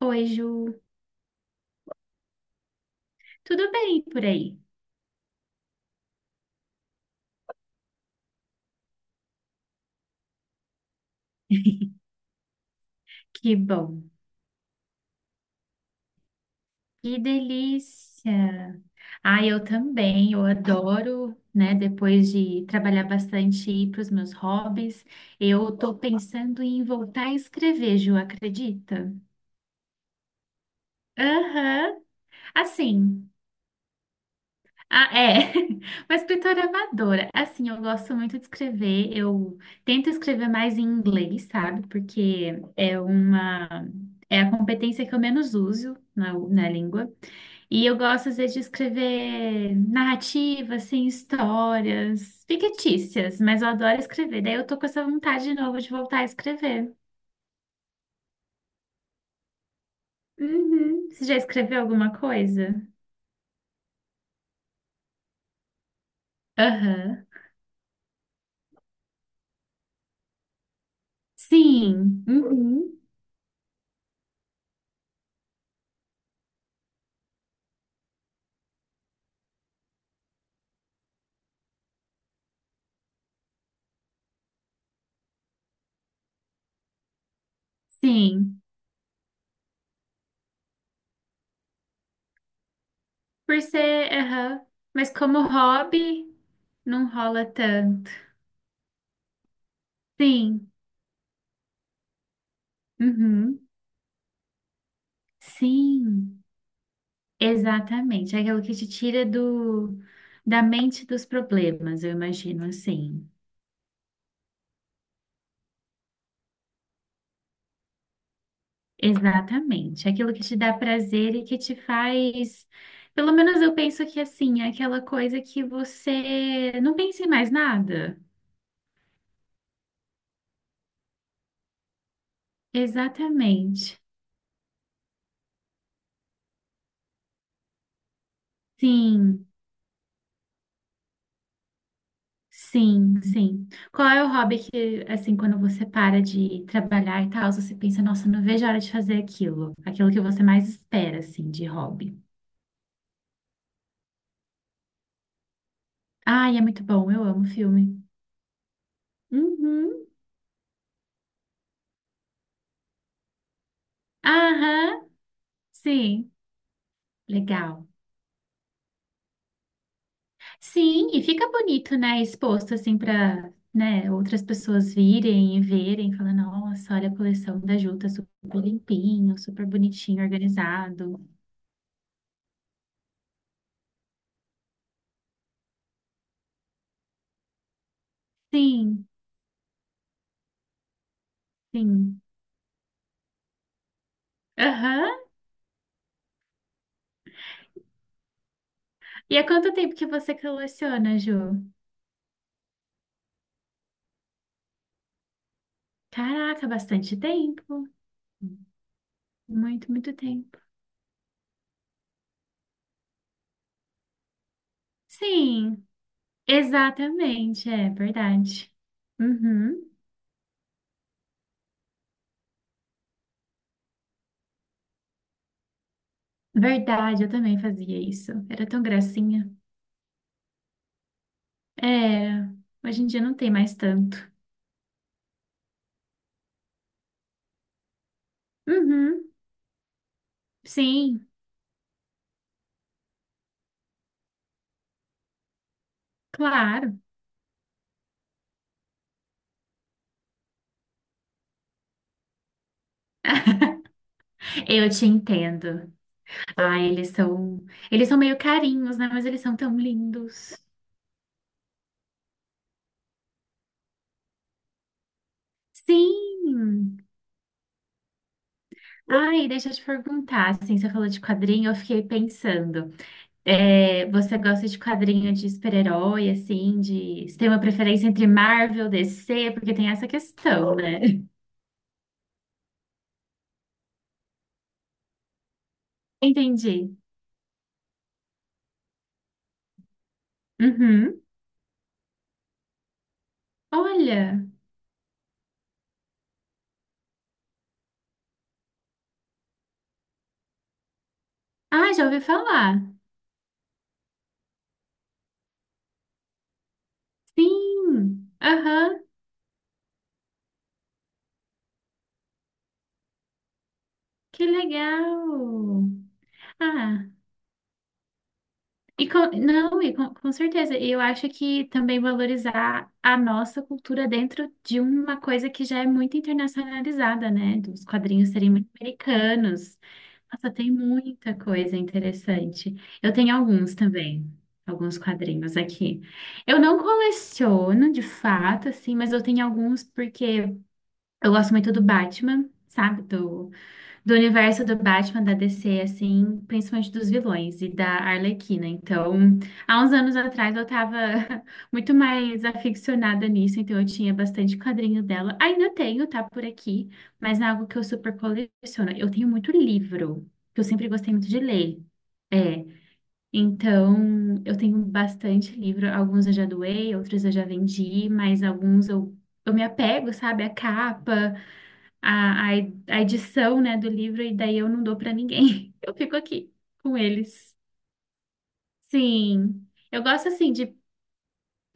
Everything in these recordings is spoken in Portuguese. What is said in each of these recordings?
Oi, Ju. Tudo bem por aí? Que bom. Que delícia. Ah, eu também. Eu adoro, né? Depois de trabalhar bastante e ir para os meus hobbies, eu tô pensando em voltar a escrever, Ju, acredita? Aham. Assim. Ah, é. Uma escritora amadora. Assim, eu gosto muito de escrever. Eu tento escrever mais em inglês, sabe? Porque é uma. É a competência que eu menos uso na língua. E eu gosto, às vezes, de escrever narrativas, assim, histórias fictícias, mas eu adoro escrever. Daí eu tô com essa vontade de novo de voltar a escrever. Uhum. Você já escreveu alguma coisa? Aham. Sim. Uhum. Sim. Por ser, aham. Mas como hobby, não rola tanto. Sim. Uhum. Sim. Exatamente. É aquilo que te tira do, da mente dos problemas, eu imagino, assim. Exatamente, aquilo que te dá prazer e que te faz, pelo menos eu penso que assim, é aquela coisa que você não pensa em mais nada. Exatamente. Sim, sim, sim. Qual é o hobby que, assim, quando você para de trabalhar e tal, você pensa, nossa, não vejo a hora de fazer aquilo, aquilo que você mais espera, assim, de hobby. Ai, é muito bom, eu amo filme. Uhum. Aham, sim, legal. Sim, e fica bonito, né? Exposto assim para, né, outras pessoas virem e verem, falar, nossa, olha a coleção da Ju, tá super limpinho, super bonitinho, organizado. Sim, sim. Aham. E há quanto tempo que você coleciona, Ju? Caraca, bastante tempo. Muito, muito tempo. Sim, exatamente, é verdade. Uhum. Verdade, eu também fazia isso. Era tão gracinha. É, hoje em dia não tem mais tanto. Uhum, sim, claro. Eu te entendo. Ah, eles são meio carinhos, né? Mas eles são tão lindos. Sim. Ai, deixa eu te perguntar, assim, você falou de quadrinho, eu fiquei pensando. É, você gosta de quadrinho de super-herói, assim, de... Você tem uma preferência entre Marvel, DC? Porque tem essa questão, né? Entendi. Uhum. Olha. Ah, já ouvi falar. Sim, aham, que legal. Ah, e com, não, e com certeza, e eu acho que também valorizar a nossa cultura dentro de uma coisa que já é muito internacionalizada, né? Dos quadrinhos serem muito americanos. Nossa, tem muita coisa interessante. Eu tenho alguns também, alguns quadrinhos aqui. Eu não coleciono de fato, assim, mas eu tenho alguns porque eu gosto muito do Batman, sabe? Do universo do Batman da DC, assim, principalmente dos vilões e da Arlequina. Então, há uns anos atrás eu tava muito mais aficionada nisso, então eu tinha bastante quadrinho dela. Ainda tenho, tá por aqui, mas não é algo que eu super coleciono. Eu tenho muito livro, que eu sempre gostei muito de ler. É, então eu tenho bastante livro, alguns eu já doei, outros eu já vendi, mas alguns eu me apego, sabe, à capa a, a, a edição, né, do livro e daí eu não dou para ninguém. Eu fico aqui com eles. Sim, eu gosto assim de.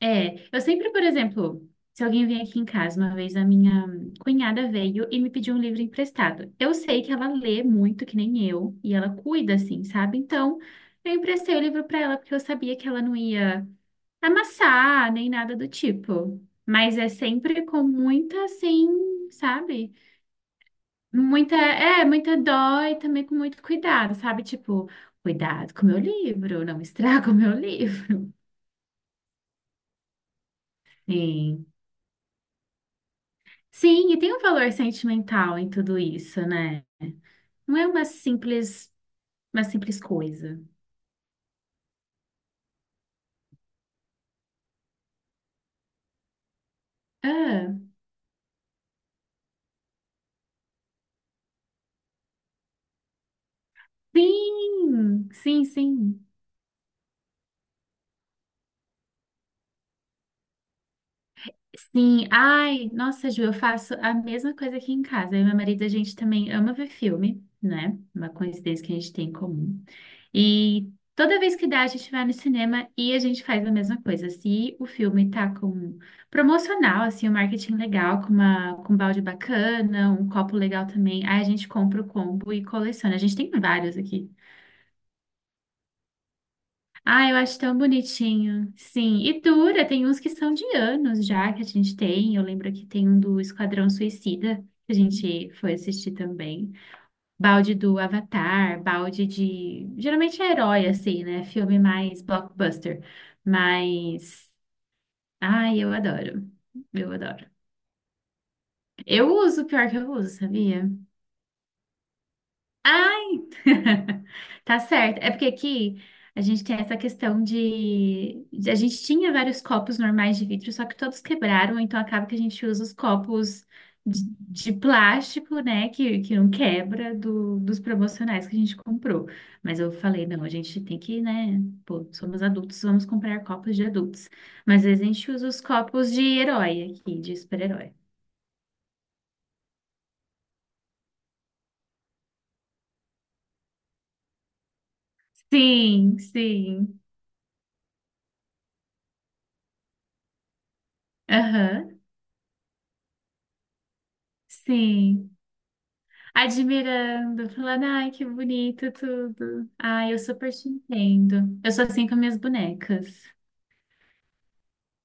É, eu sempre, por exemplo, se alguém vem aqui em casa, uma vez a minha cunhada veio e me pediu um livro emprestado. Eu sei que ela lê muito, que nem eu, e ela cuida, assim, sabe? Então, eu emprestei o livro para ela porque eu sabia que ela não ia amassar nem nada do tipo. Mas é sempre com muita, assim, sabe? Muita, é, muita dó e também com muito cuidado, sabe? Tipo, cuidado com o meu livro, não estraga o meu livro. Sim. Sim, e tem um valor sentimental em tudo isso, né? Não é uma simples coisa. Ah, sim, sim, sim. Sim, ai, nossa, Ju, eu faço a mesma coisa aqui em casa. Eu e meu marido, a gente também ama ver filme, né? Uma coincidência que a gente tem em comum. E toda vez que dá, a gente vai no cinema e a gente faz a mesma coisa. Se o filme tá com promocional, assim, um marketing legal, com uma, com um balde bacana, um copo legal também, aí a gente compra o combo e coleciona. A gente tem vários aqui. Ah, eu acho tão bonitinho. Sim, e dura, tem uns que são de anos já que a gente tem. Eu lembro que tem um do Esquadrão Suicida, que a gente foi assistir também. Balde do Avatar, balde de. Geralmente é herói, assim, né? Filme mais blockbuster. Mas. Ai, eu adoro. Eu adoro. Eu uso, pior que eu uso, sabia? Ah, tá certo. É porque aqui a gente tem essa questão de. De- A gente tinha vários copos normais de vidro, só que todos quebraram, então acaba que a gente usa os copos de plástico, né? Que não quebra do- dos promocionais que a gente comprou. Mas eu falei, não, a gente tem que, né? Pô, somos adultos, vamos comprar copos de adultos. Mas às vezes a gente usa os copos de herói aqui, de super-herói. Sim, sim. Aham, sim. Admirando, falando, ai, que bonito tudo. Ai, eu super te entendo. Eu sou assim com minhas bonecas.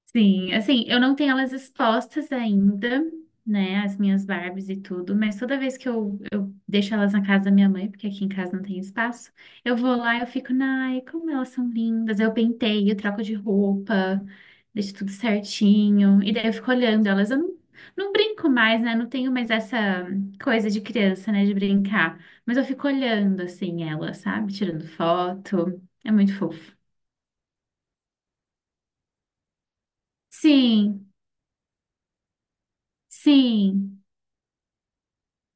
Sim, assim, eu não tenho elas expostas ainda, né, as minhas Barbies e tudo, mas toda vez que eu deixo elas na casa da minha mãe, porque aqui em casa não tem espaço, eu vou lá e eu fico, ai, como elas são lindas, eu penteio, troco de roupa, deixo tudo certinho, e daí eu fico olhando elas, eu não, não brinco mais, né, não tenho mais essa coisa de criança, né, de brincar, mas eu fico olhando, assim, elas, sabe, tirando foto, é muito fofo. Sim, sim.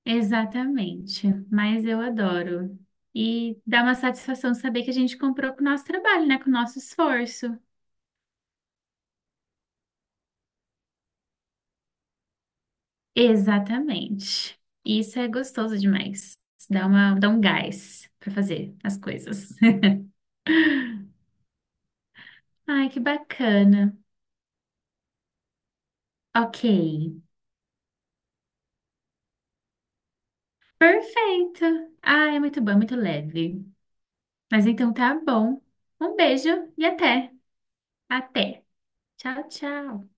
Exatamente, mas eu adoro. E dá uma satisfação saber que a gente comprou com o nosso trabalho, né? Com o nosso esforço. Exatamente. Isso é gostoso demais. Dá uma, dá um gás para fazer as coisas. Ai, que bacana. Ok. Perfeito. Ah, é muito bom, é muito leve. Mas então tá bom. Um beijo e até. Até. Tchau, tchau.